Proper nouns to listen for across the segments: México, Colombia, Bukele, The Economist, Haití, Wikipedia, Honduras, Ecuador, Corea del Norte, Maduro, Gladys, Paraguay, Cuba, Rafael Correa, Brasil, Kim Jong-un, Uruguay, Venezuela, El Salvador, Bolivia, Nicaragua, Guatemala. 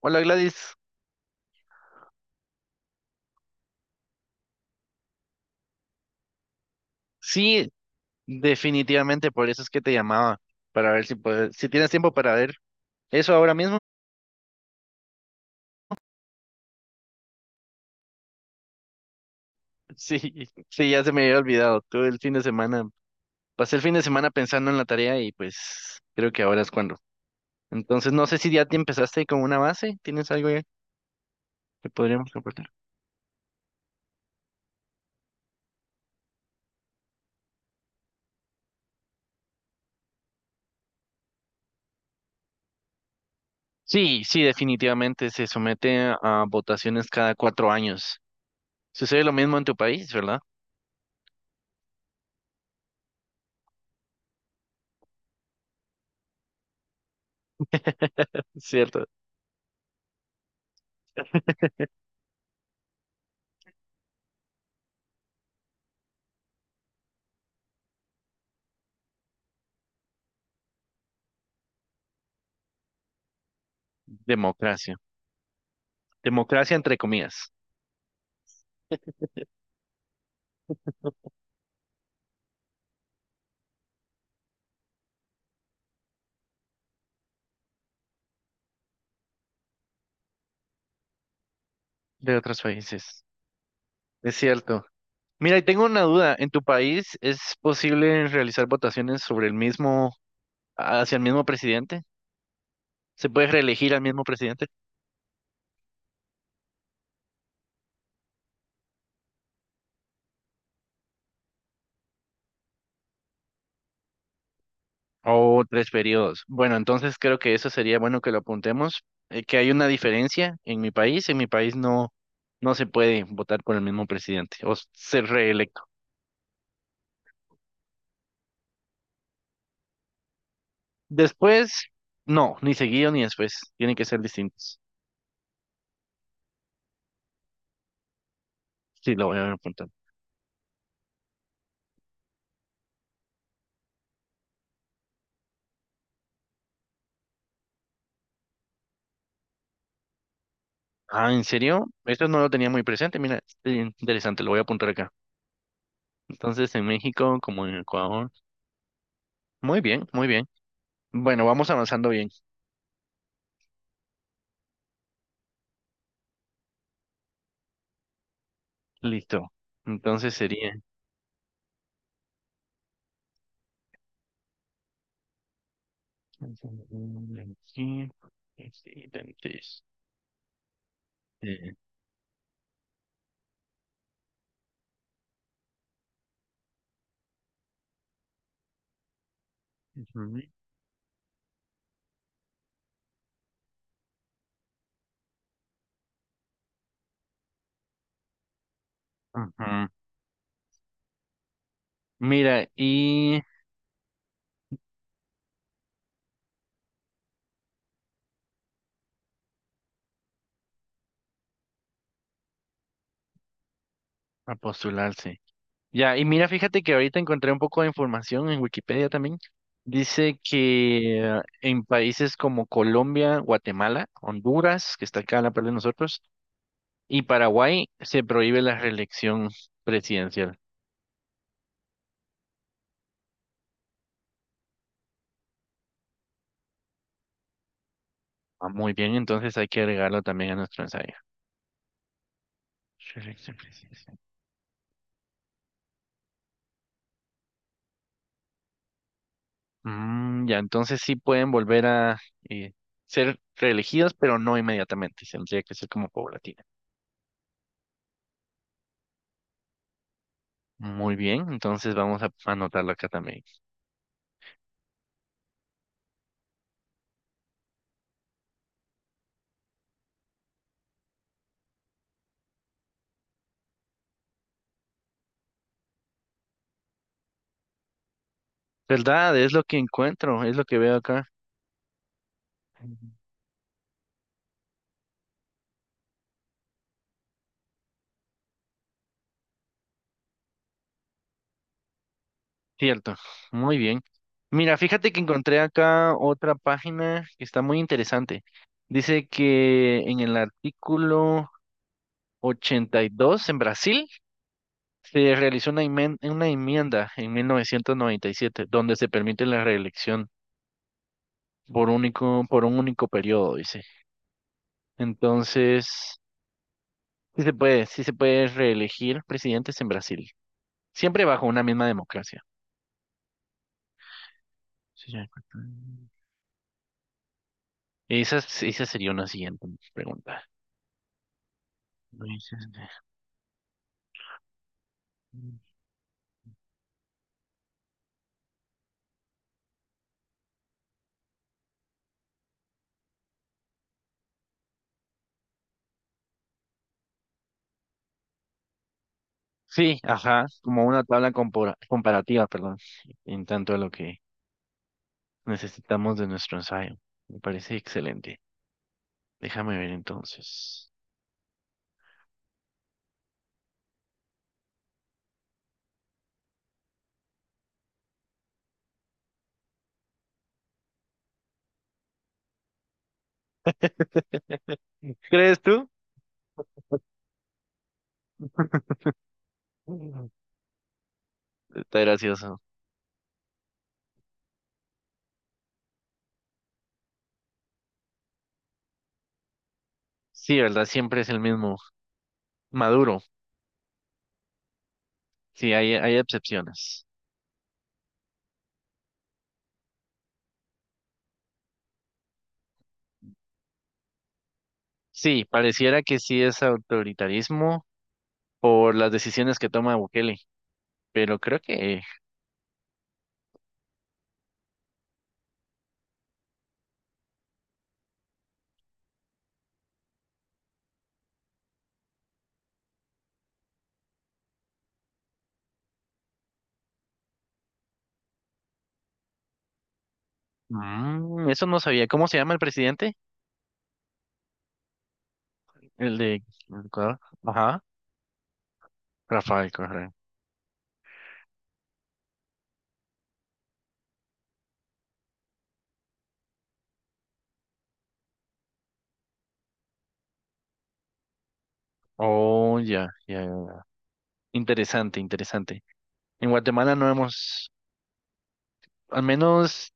Hola Gladys. Sí, definitivamente por eso es que te llamaba, para ver si tienes tiempo para ver eso ahora mismo. Sí, sí, ya se me había olvidado, todo el fin de semana, pasé el fin de semana pensando en la tarea y pues creo que ahora es cuando. Entonces no sé si ya te empezaste con una base, ¿tienes algo ya que podríamos compartir? Sí, sí, definitivamente se somete a votaciones cada 4 años. Sucede lo mismo en tu país, ¿verdad? Cierto. Democracia. Democracia entre comillas, de otros países. Es cierto. Mira, y tengo una duda. ¿En tu país es posible realizar votaciones hacia el mismo presidente? ¿Se puede reelegir al mismo presidente? O 3 periodos. Bueno, entonces creo que eso sería bueno que lo apuntemos, que hay una diferencia en mi país. En mi país no, no se puede votar por el mismo presidente o ser reelecto. Después, no, ni seguido ni después. Tienen que ser distintos. Sí, lo voy a apuntar. Ah, ¿en serio? Esto no lo tenía muy presente. Mira, es interesante, lo voy a apuntar acá. Entonces, en México como en Ecuador. Muy bien, muy bien. Bueno, vamos avanzando bien. Listo. Entonces sería. Eh, ujú. Ajá. Mira, y a postularse. Ya, y mira, fíjate que ahorita encontré un poco de información en Wikipedia también. Dice que en países como Colombia, Guatemala, Honduras, que está acá a la par de nosotros, y Paraguay se prohíbe la reelección presidencial. Ah, muy bien, entonces hay que agregarlo también a nuestro ensayo. Reelección presidencial. Mm, ya, entonces sí pueden volver a eh, ser reelegidos, pero no inmediatamente. Tendría que ser como paulatina. Muy bien, entonces vamos a anotarlo acá también. ¿Verdad? Es lo que encuentro, es lo que veo acá. Ujú. Cierto, muy bien. Mira, fíjate que encontré acá otra página que está muy interesante. Dice que en el artículo 82 en Brasil, se realizó una enmienda en 1997 donde se permite la reelección por un único periodo, dice. Entonces, sí se puede reelegir presidentes en Brasil, siempre bajo una misma democracia. Sí, ya. Esa sería una siguiente pregunta. Sí, ajá, como una tabla comparativa, perdón, en tanto a lo que necesitamos de nuestro ensayo. Me parece excelente. Déjame ver entonces. ¿Crees tú? Está gracioso. Sí, ¿verdad? Siempre es el mismo. Maduro. Sí, hay excepciones. Sí, pareciera que sí es autoritarismo por las decisiones que toma Bukele, pero creo que eso no sabía. ¿Cómo se llama el presidente? El de Ecuador. Ajá. Rafael Correa. Oh, ya, ya. Ya. Interesante, interesante. En Guatemala no hemos, al menos,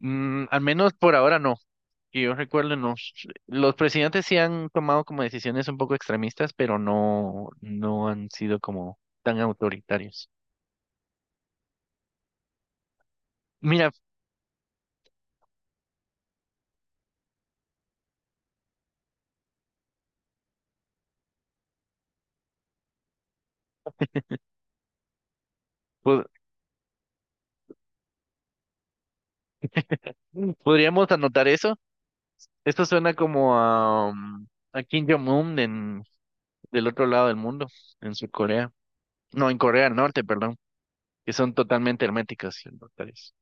al menos por ahora no. Que yo recuerdo, los presidentes sí han tomado como decisiones un poco extremistas, pero no, no han sido como tan autoritarios. Mira, pod- podríamos anotar eso. Esto suena como a Kim Jong-un, del otro lado del mundo, en Sur Corea. No, en Corea del Norte, perdón, que son totalmente herméticas y autoritarias.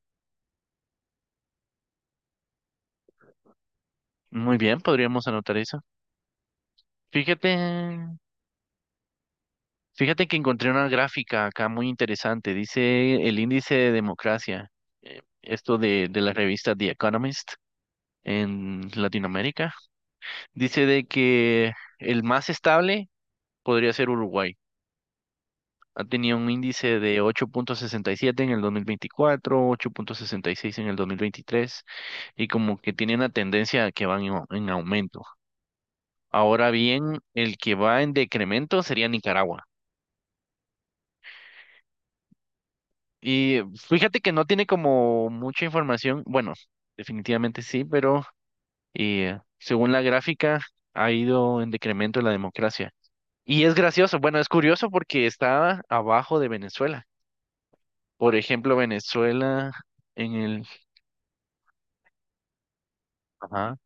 Muy bien, podríamos anotar eso. Fíjate, Fíjate que encontré una gráfica acá muy interesante. Dice el índice de democracia, esto de la revista The Economist en Latinoamérica. Dice de que el más estable podría ser Uruguay. Ha tenido un índice de 8,67 en el 2024, 8,66 en el 2023, y como que tiene una tendencia que va en aumento. Ahora bien, el que va en decremento sería Nicaragua. Y fíjate que no tiene como mucha información. Bueno, definitivamente sí, pero según la gráfica ha ido en decremento la democracia. Y es gracioso, bueno, es curioso porque está abajo de Venezuela. Por ejemplo, Venezuela en el... Ajá.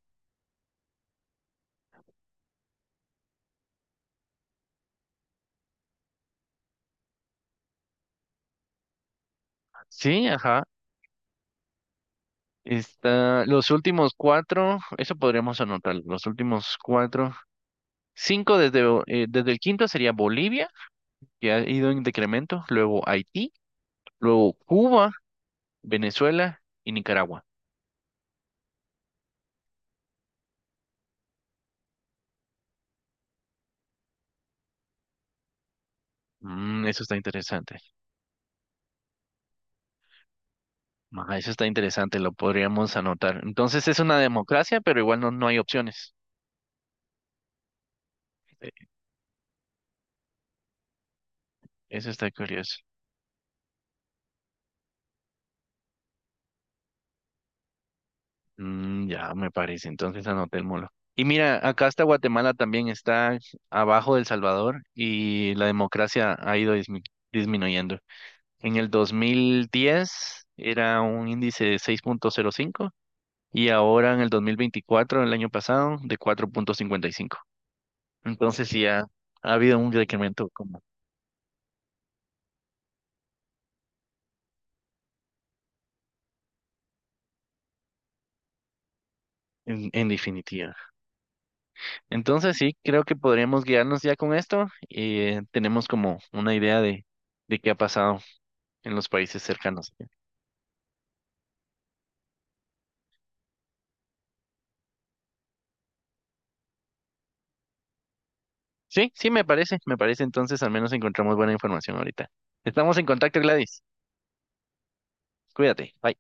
Sí, ajá. Está los últimos cuatro, eso podríamos anotar, los últimos cuatro, cinco desde el quinto sería Bolivia, que ha ido en decremento, luego Haití, luego Cuba, Venezuela y Nicaragua. Mm, eso está interesante. Ah, eso está interesante, lo podríamos anotar. Entonces es una democracia, pero igual no, no hay opciones. Eh, Eso está curioso. Mm, ya me parece, entonces anotémoslo. Y mira, acá está Guatemala también, está abajo de El Salvador y la democracia ha ido disminuyendo. En el 2010 era un índice de 6,05 y ahora en el 2024, el año pasado, de 4,55. Entonces sí ha habido un decremento, como en definitiva. Entonces sí, creo que podríamos guiarnos ya con esto y tenemos como una idea de qué ha pasado en los países cercanos. Sí, sí, me parece, me parece. Entonces al menos encontramos buena información ahorita. Estamos en contacto, Gladys. Cuídate. Bye.